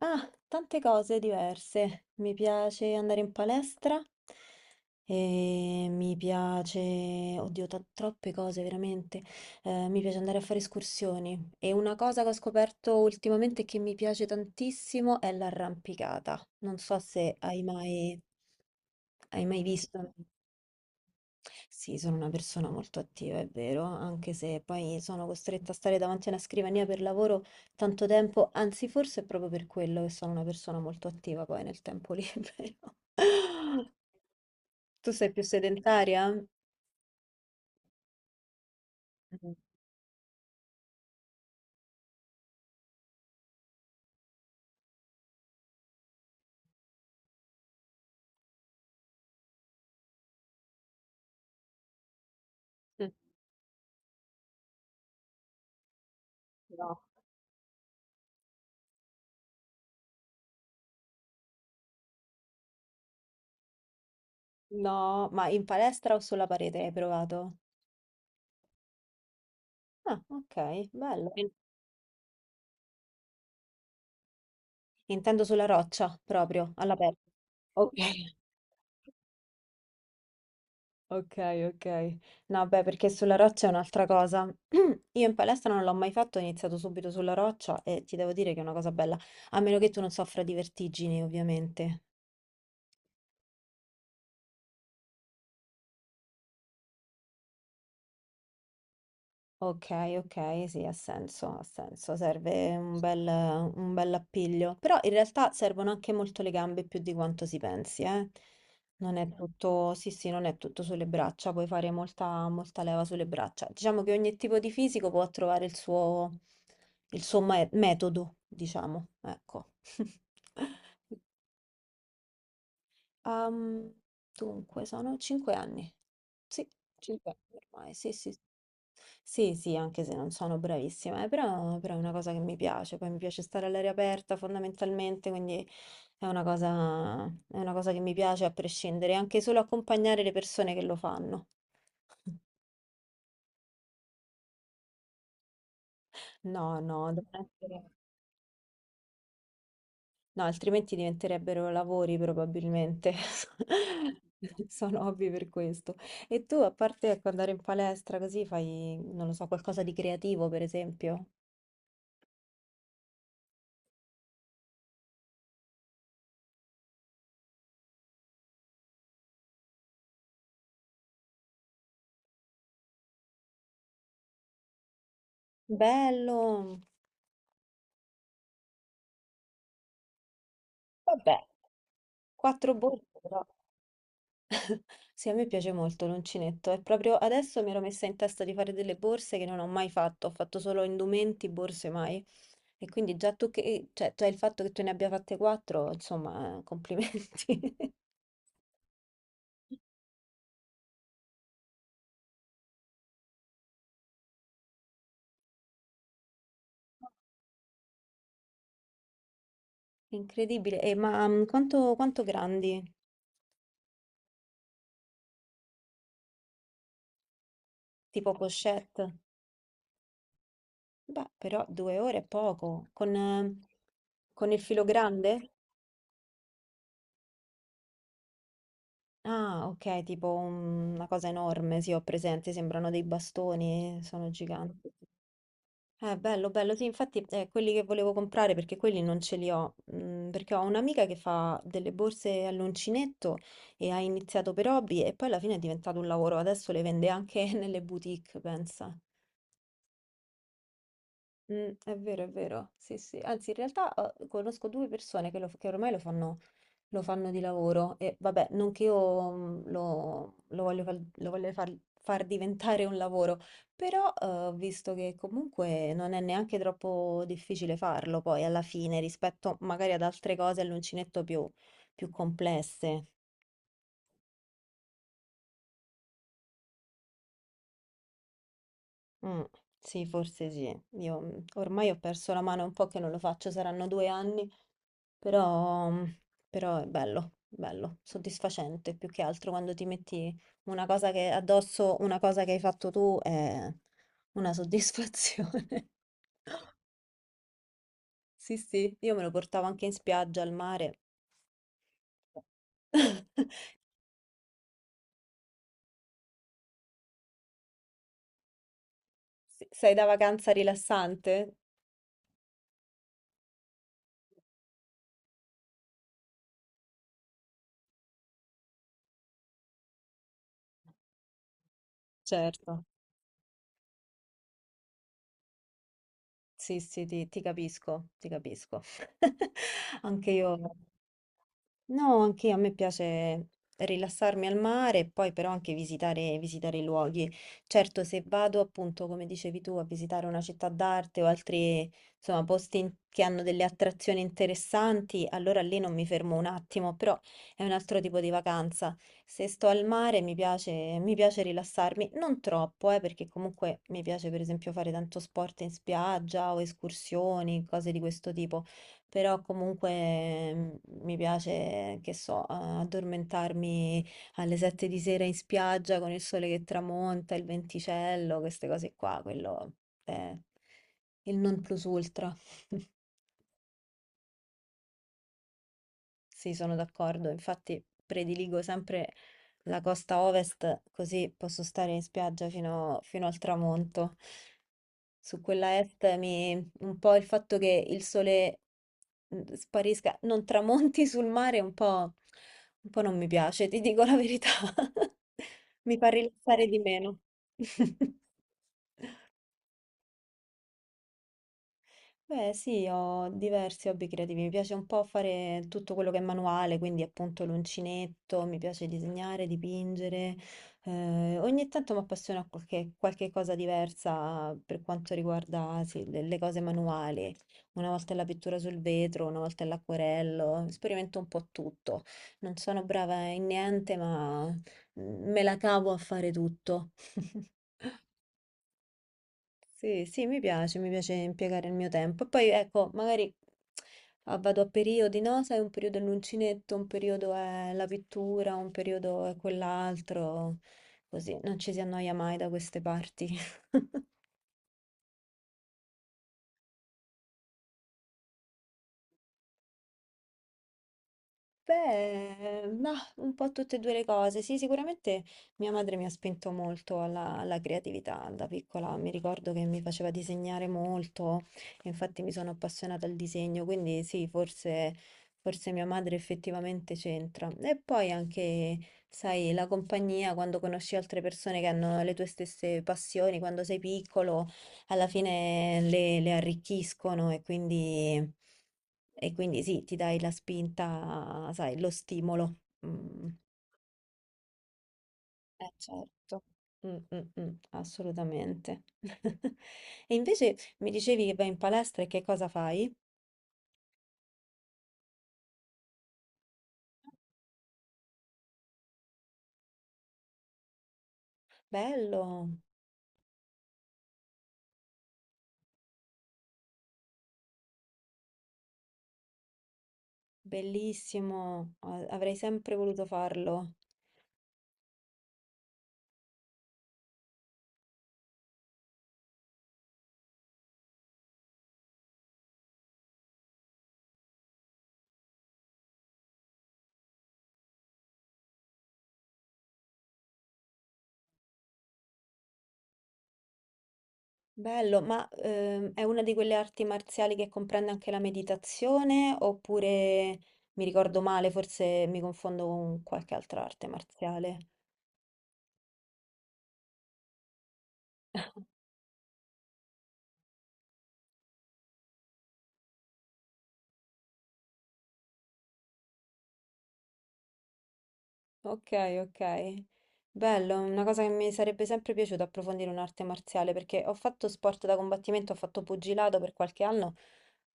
Ah, tante cose diverse. Mi piace andare in palestra e mi piace, oddio, troppe cose veramente. Mi piace andare a fare escursioni e una cosa che ho scoperto ultimamente che mi piace tantissimo è l'arrampicata. Non so se hai mai visto. Sì, sono una persona molto attiva, è vero, anche se poi sono costretta a stare davanti a una scrivania per lavoro tanto tempo, anzi forse è proprio per quello che sono una persona molto attiva poi nel tempo libero. Tu sei più sedentaria? Mm. Mm. No. No, ma in palestra o sulla parete hai provato? Ah, ok, bello. Intendo sulla roccia, proprio, all'aperto. Ok. Ok, ok. No, beh, perché sulla roccia è un'altra cosa. Io in palestra non l'ho mai fatto, ho iniziato subito sulla roccia e ti devo dire che è una cosa bella, a meno che tu non soffra di vertigini, ovviamente. Ok, ok, sì, ha senso, serve un bel appiglio, però in realtà servono anche molto le gambe più di quanto si pensi, eh. Non è tutto, sì, sì, non è tutto sulle braccia, puoi fare molta, molta leva sulle braccia. Diciamo che ogni tipo di fisico può trovare il suo metodo, diciamo, ecco. Ehm, dunque, sono 5 anni. Sì, 5 anni ormai, sì, sì. Sì, sì, anche se non sono bravissima, però, è una cosa che mi piace, poi mi piace stare all'aria aperta fondamentalmente, quindi è una cosa che mi piace a prescindere, anche solo accompagnare le persone che lo fanno. No, no, no, altrimenti diventerebbero lavori probabilmente. Sono hobby per questo. E tu, a parte ecco, andare in palestra così, fai, non lo so, qualcosa di creativo, per esempio? Bello! Vabbè, quattro bollite però. Sì, a me piace molto l'uncinetto. E proprio adesso mi ero messa in testa di fare delle borse che non ho mai fatto. Ho fatto solo indumenti, borse mai. E quindi già cioè, già il fatto che tu ne abbia fatte quattro, insomma, complimenti. Incredibile. E ma quanto grandi? Tipo pochette? Beh, però 2 ore è poco. Con il filo grande? Ah, okay, tipo un una cosa enorme, sì, ho presente, sembrano dei bastoni, sono giganti. Bello, bello, sì, infatti, quelli che volevo comprare, perché quelli non ce li ho, perché ho un'amica che fa delle borse all'uncinetto e ha iniziato per hobby e poi alla fine è diventato un lavoro, adesso le vende anche nelle boutique, pensa. È vero, sì, sì. Anzi, in realtà, conosco 2 persone che ormai lo fanno di lavoro e vabbè, non che io lo voglio far diventare un lavoro, però ho visto che comunque non è neanche troppo difficile farlo poi alla fine rispetto magari ad altre cose all'uncinetto più complesse. Mm, sì, forse sì. Io ormai ho perso la mano, è un po' che non lo faccio, saranno 2 anni. Però, mh, però è bello, bello, soddisfacente più che altro quando ti metti una cosa che addosso, una cosa che hai fatto tu è una soddisfazione. Sì, sì, io me lo portavo anche in spiaggia, al mare. Sì, sei da vacanza rilassante? Certo, sì, sì, ti capisco. Anche io. No, anche a me piace rilassarmi al mare e poi però anche visitare i luoghi. Certo, se vado appunto, come dicevi tu, a visitare una città d'arte o altri, insomma, posti che hanno delle attrazioni interessanti, allora lì non mi fermo un attimo, però è un altro tipo di vacanza. Se sto al mare mi piace rilassarmi, non troppo, perché comunque mi piace per esempio fare tanto sport in spiaggia o escursioni, cose di questo tipo però comunque mi piace, che so, addormentarmi alle 7 di sera in spiaggia con il sole che tramonta, il venticello, queste cose qua, quello è il non plus ultra. Sì, sono d'accordo. Infatti prediligo sempre la costa ovest, così posso stare in spiaggia fino al tramonto. Su quella est un po' il fatto che il sole sparisca, non tramonti sul mare, un po' non mi piace, ti dico la verità. Mi fa rilassare di meno. Beh, sì, ho diversi hobby creativi. Mi piace un po' fare tutto quello che è manuale, quindi appunto l'uncinetto, mi piace disegnare, dipingere. Ogni tanto mi appassiona qualche cosa diversa per quanto riguarda, sì, le cose manuali. Una volta è la pittura sul vetro, una volta è l'acquerello, sperimento un po' tutto. Non sono brava in niente, ma me la cavo a fare tutto. Sì, sì, mi piace impiegare il mio tempo. E poi ecco, magari vado a periodi, no? Sai, un periodo è l'uncinetto, un periodo è la pittura, un periodo è quell'altro, così non ci si annoia mai da queste parti. Beh, mah, un po' tutte e 2 le cose. Sì, sicuramente mia madre mi ha spinto molto alla creatività da piccola. Mi ricordo che mi faceva disegnare molto, e infatti mi sono appassionata al disegno, quindi sì, forse mia madre effettivamente c'entra. E poi anche, sai, la compagnia, quando conosci altre persone che hanno le tue stesse passioni, quando sei piccolo alla fine le arricchiscono e quindi, sì, ti dai la spinta, sai, lo stimolo. Mm. Certo. Mm, mm, mm, assolutamente. E invece mi dicevi che vai in palestra e che cosa fai? Bello, bellissimo, avrei sempre voluto farlo. Bello, ma è una di quelle arti marziali che comprende anche la meditazione oppure mi ricordo male, forse mi confondo con qualche altra arte marziale. Ok, ok. Bello, una cosa che mi sarebbe sempre piaciuto approfondire un'arte marziale perché ho fatto sport da combattimento, ho fatto pugilato per qualche anno,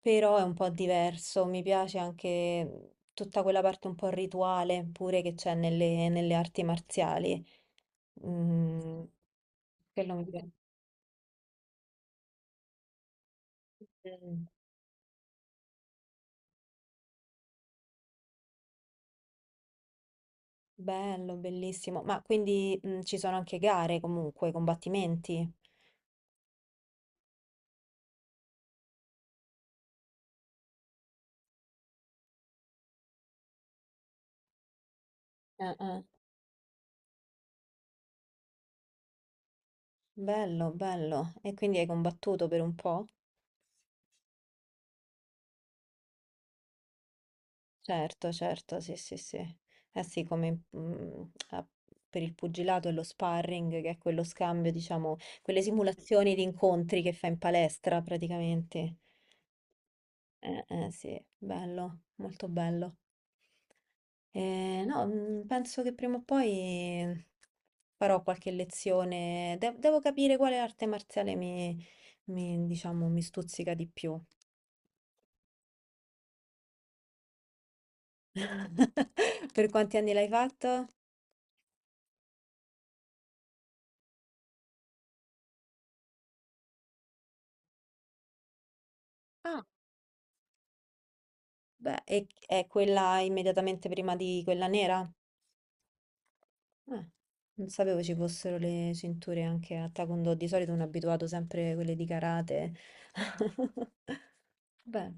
però è un po' diverso, mi piace anche tutta quella parte un po' rituale pure che c'è nelle arti marziali. Mm, quello mi piace. Bello, bellissimo. Ma quindi ci sono anche gare comunque, combattimenti? Eh. Bello, bello. E quindi hai combattuto per un po'? Certo, certo, sì, sì, sì. Eh sì, come a- per il pugilato e lo sparring, che è quello scambio, diciamo, quelle simulazioni di incontri che fai in palestra praticamente. Sì, bello, molto bello. No, penso che prima o poi farò qualche lezione. Devo capire quale arte marziale diciamo, mi stuzzica di più. Per quanti anni l'hai fatto? Ah, beh, è quella immediatamente prima di quella nera? Ah, non sapevo ci fossero le cinture anche a Taekwondo. Di solito sono abituato sempre a quelle di karate. Beh.